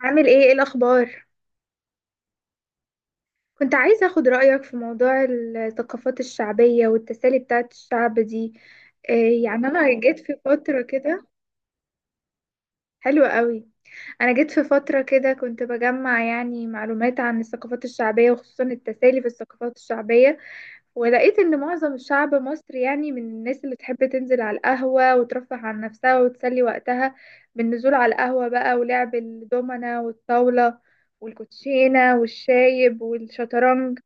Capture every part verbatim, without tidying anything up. عامل ايه؟ ايه الاخبار؟ كنت عايزه اخد رايك في موضوع الثقافات الشعبيه والتسالي بتاعت الشعب دي. إيه يعني، انا جيت في فتره كده. حلوه قوي. انا جيت في فتره كده كنت بجمع يعني معلومات عن الثقافات الشعبيه وخصوصا التسالي في الثقافات الشعبيه. ولقيت ان معظم الشعب مصري يعني من الناس اللي تحب تنزل على القهوة وترفه عن نفسها وتسلي وقتها بالنزول على القهوة بقى، ولعب الدومنة والطاولة والكوتشينة والشايب والشطرنج.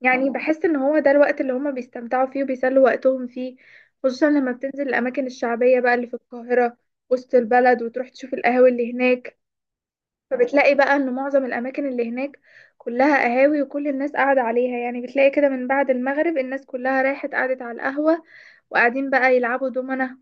يعني بحس ان هو ده الوقت اللي هما بيستمتعوا فيه وبيسلوا وقتهم فيه، خصوصا لما بتنزل الاماكن الشعبية بقى اللي في القاهرة، وسط البلد، وتروح تشوف القهاوي اللي هناك. فبتلاقي بقى ان معظم الاماكن اللي هناك كلها قهاوي، وكل الناس قاعدة عليها. يعني بتلاقي كده من بعد المغرب الناس كلها رايحة قعدت على القهوة، وقاعدين بقى يلعبوا دومنة،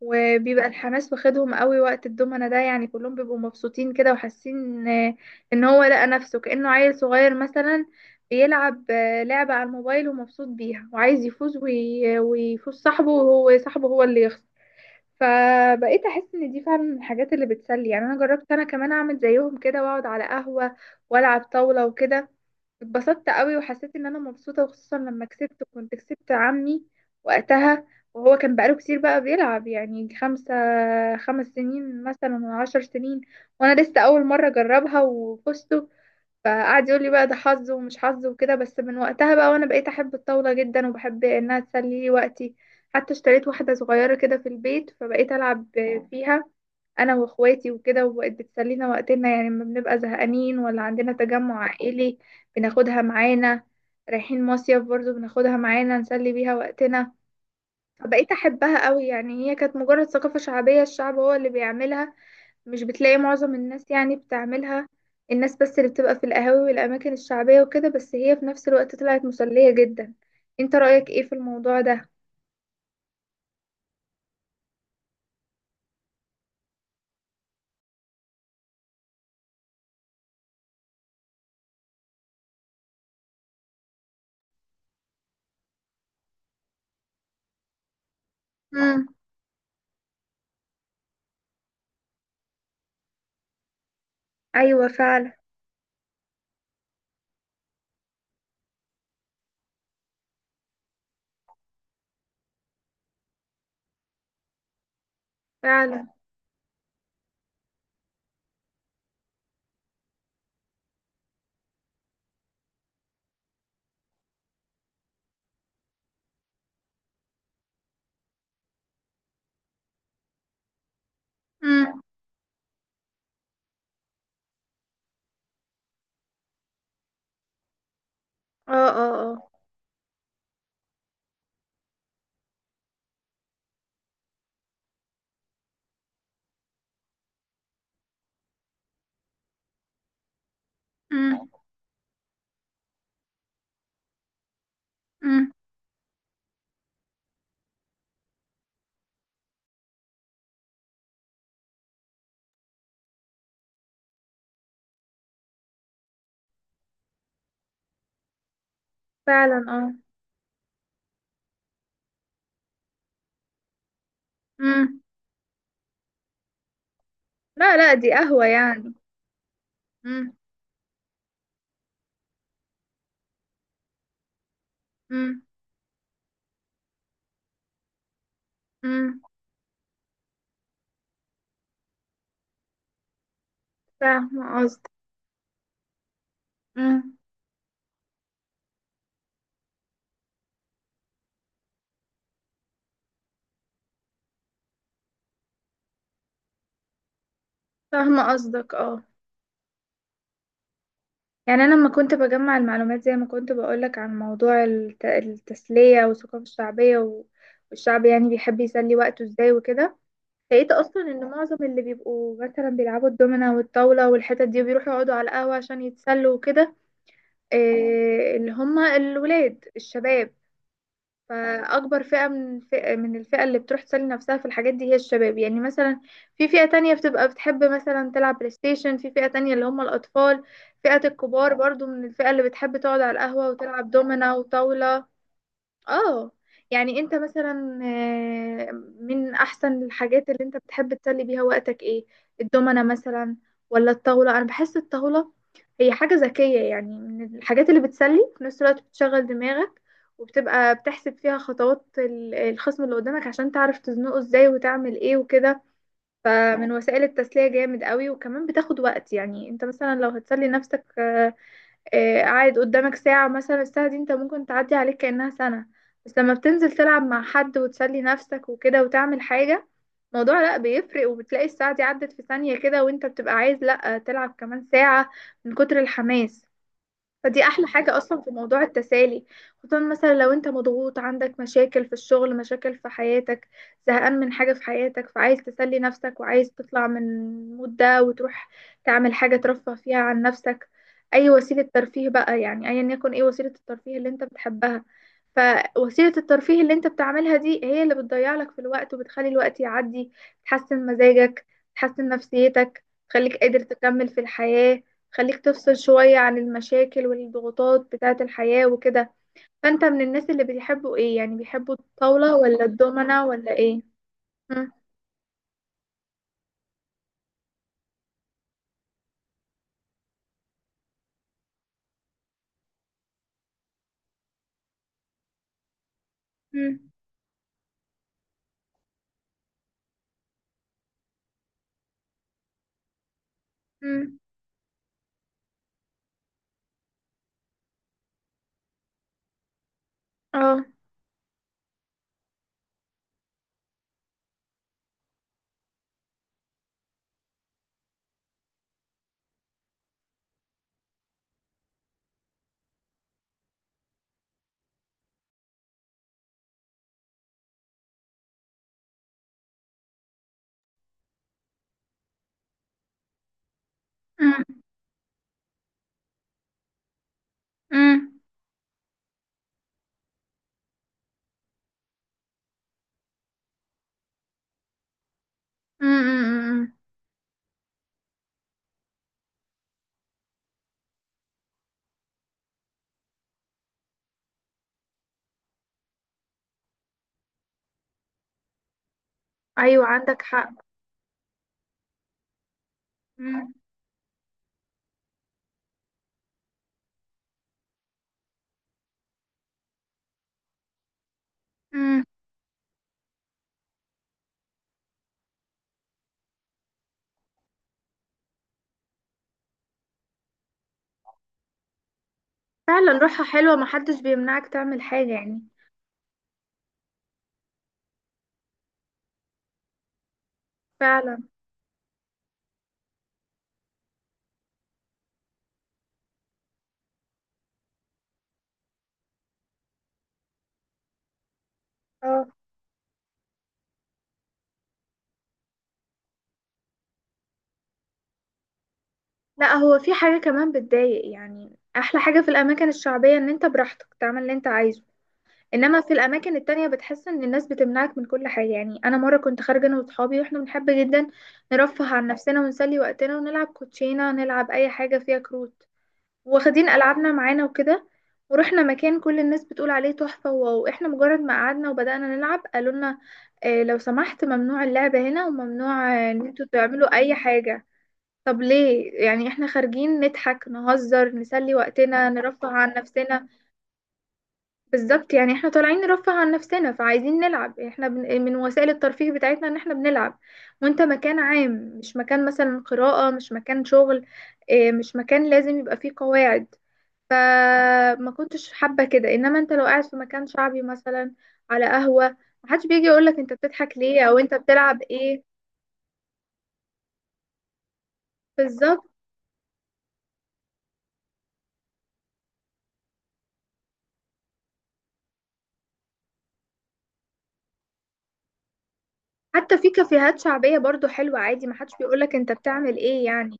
وبيبقى الحماس واخدهم قوي وقت الدومنة ده، يعني كلهم بيبقوا مبسوطين كده وحاسين آه، ان هو لقى نفسه كأنه عيل صغير مثلا بيلعب آه، لعبة على الموبايل ومبسوط بيها وعايز يفوز وي- ويفوز صاحبه، وهو صاحبه هو اللي يخسر. فبقيت احس ان دي فعلا من الحاجات اللي بتسلي. يعني انا جربت انا كمان اعمل زيهم كده واقعد على قهوة والعب طاولة وكده. اتبسطت قوي وحسيت ان انا مبسوطة، وخصوصا لما كسبت، كنت كسبت عمي وقتها، وهو كان بقاله كتير بقى بيلعب يعني خمسة خمس سنين مثلا ولا عشر سنين، وانا لسه اول مرة اجربها وفزت. فقعد يقول لي بقى ده حظ ومش حظ وكده. بس من وقتها بقى وانا بقيت احب الطاولة جدا، وبحب انها تسلي لي وقتي. حتى اشتريت واحدة صغيرة كده في البيت فبقيت العب فيها انا واخواتي وكده، وبقت بتسلينا وقتنا يعني لما بنبقى زهقانين، ولا عندنا تجمع عائلي بناخدها معانا. رايحين مصيف برضو بناخدها معانا نسلي بيها وقتنا. فبقيت احبها قوي. يعني هي كانت مجرد ثقافة شعبية الشعب هو اللي بيعملها، مش بتلاقي معظم الناس يعني بتعملها، الناس بس اللي بتبقى في القهاوي والأماكن الشعبية وكده، بس هي في نفس الوقت طلعت مسلية جدا. انت رأيك ايه في الموضوع ده؟ امم. ايوه فعلا. فعلا. امم. اه. اه. اه. امم. امم. فعلا. اه. امم. لا لا، دي قهوة يعني. امم. امم. امم. فاهمة قصدك. امم. فاهمة قصدك، اه. يعني أنا لما كنت بجمع المعلومات زي ما كنت بقولك عن موضوع الت- التسلية والثقافة الشعبية و- والشعب، يعني بيحب يسلي وقته ازاي وكده، لقيت أصلا إن معظم اللي بيبقوا مثلا بيلعبوا الدومينة والطاولة والحتت دي وبيروحوا يقعدوا على القهوة عشان يتسلوا وكده. إيه؟ اللي هما الولاد الشباب. فأكبر فئة من الفئة من الفئة اللي بتروح تسلي نفسها في الحاجات دي هي الشباب. يعني مثلا في فئة تانية بتبقى بتحب مثلا تلعب بلاي ستيشن، في فئة تانية اللي هم الأطفال، فئة الكبار برضو من الفئة اللي بتحب تقعد على القهوة وتلعب دومنا وطاولة. اه. يعني انت مثلا آه، من احسن الحاجات اللي انت بتحب تسلي بيها وقتك ايه؟ الدومنة مثلا ولا الطاولة؟ انا بحس الطاولة هي حاجة ذكية يعني، من الحاجات اللي بتسلي في نفس الوقت بتشغل دماغك، وبتبقى بتحسب فيها خطوات ال- الخصم اللي قدامك عشان تعرف تزنقه ازاي، وتعمل ايه وكده. فمن وسائل التسلية جامد قوي، وكمان بتاخد وقت. يعني انت مثلا لو هتسلي نفسك آه، آه، قاعد قدامك ساعة مثلا، الساعة دي انت ممكن تعدي عليك كأنها سنة. بس لما بتنزل تلعب مع حد وتسلي نفسك وكده وتعمل حاجة، الموضوع لا بيفرق، وبتلاقي الساعة دي عدت في ثانية كده، وانت بتبقى عايز لا تلعب كمان ساعة من كتر الحماس. فدي احلى حاجة اصلا في موضوع التسالي، خصوصا مثلا لو انت مضغوط، عندك مشاكل في الشغل، مشاكل في حياتك، زهقان من حاجة في حياتك، فعايز تسلي نفسك، وعايز تطلع من المود ده وتروح تعمل حاجة ترفه فيها عن نفسك. اي وسيلة ترفيه بقى، يعني ايا يكن ايه وسيلة الترفيه اللي انت بتحبها. فوسيلة الترفيه اللي انت بتعملها دي هي اللي بتضيع لك في الوقت، وبتخلي الوقت يعدي، تحسن مزاجك، تحسن نفسيتك، تخليك قادر تكمل في الحياة. خليك تفصل شوية عن المشاكل والضغوطات بتاعة الحياة وكده. فأنت من الناس اللي بيحبوا إيه؟ يعني بيحبوا الطاولة ولا الدومنة ولا إيه؟ مم. مم. مم. اه. مم. مم. مم. مم. أيوة عندك حق. مم. مم. فعلا روحها حلوة، محدش بيمنعك تعمل حاجة يعني. فعلا اه. لا، هو في حاجة كمان بتضايق، يعني أحلى حاجة في الأماكن الشعبية إن أنت براحتك تعمل اللي أنت عايزه. انما في الاماكن التانية بتحس ان الناس بتمنعك من كل حاجة. يعني انا مرة كنت خارجة انا واصحابي، واحنا بنحب جدا نرفه عن نفسنا ونسلي وقتنا ونلعب كوتشينة، نلعب اي حاجة فيها كروت، واخدين العابنا معانا وكده. ورحنا مكان كل الناس بتقول عليه تحفة واو، احنا مجرد ما قعدنا وبدأنا نلعب قالوا لنا، اه لو سمحت ممنوع اللعب هنا، وممنوع آه، ان انتوا تعملوا اي حاجة. طب ليه؟ يعني احنا خارجين نضحك نهزر نسلي وقتنا نرفه عن نفسنا. بالظبط. يعني احنا طالعين نرفه عن نفسنا، فعايزين نلعب، احنا بن... من وسائل الترفيه بتاعتنا ان احنا بنلعب، وانت مكان عام، مش مكان مثلا قراءة، مش مكان شغل، اه، مش مكان لازم يبقى فيه قواعد. فما كنتش حابة كده. انما انت لو قاعد في مكان شعبي مثلا، على قهوة، محدش بيجي يقولك انت بتضحك ليه، او انت بتلعب ايه. بالظبط. حتى في كافيهات شعبية برضو حلوة عادي، محدش بيقولك انت بتعمل ايه يعني.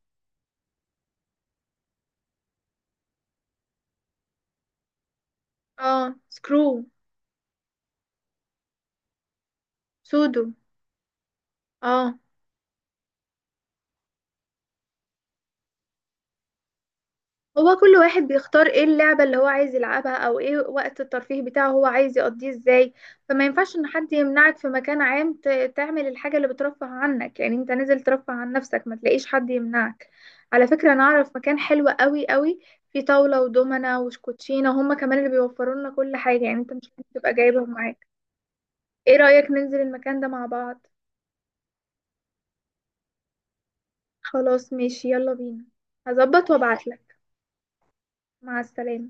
اه. سكرو. سودو. اه. هو كل واحد بيختار ايه اللعبة اللي هو عايز يلعبها، او ايه وقت الترفيه بتاعه هو عايز يقضيه ازاي. فما ينفعش ان حد يمنعك في مكان عام ت- تعمل الحاجة اللي بترفه عنك. يعني انت نازل ترفه عن نفسك، ما تلاقيش حد يمنعك. على فكرة انا اعرف مكان حلو قوي قوي، فيه طاولة ودومنة وشكوتشينة، هما كمان اللي بيوفروا لنا كل حاجة يعني، انت مش هتبقى جايبهم معاك. ايه رأيك ننزل المكان ده مع بعض؟ خلاص ماشي، يلا بينا. هظبط وابعتلك. مع السلامة.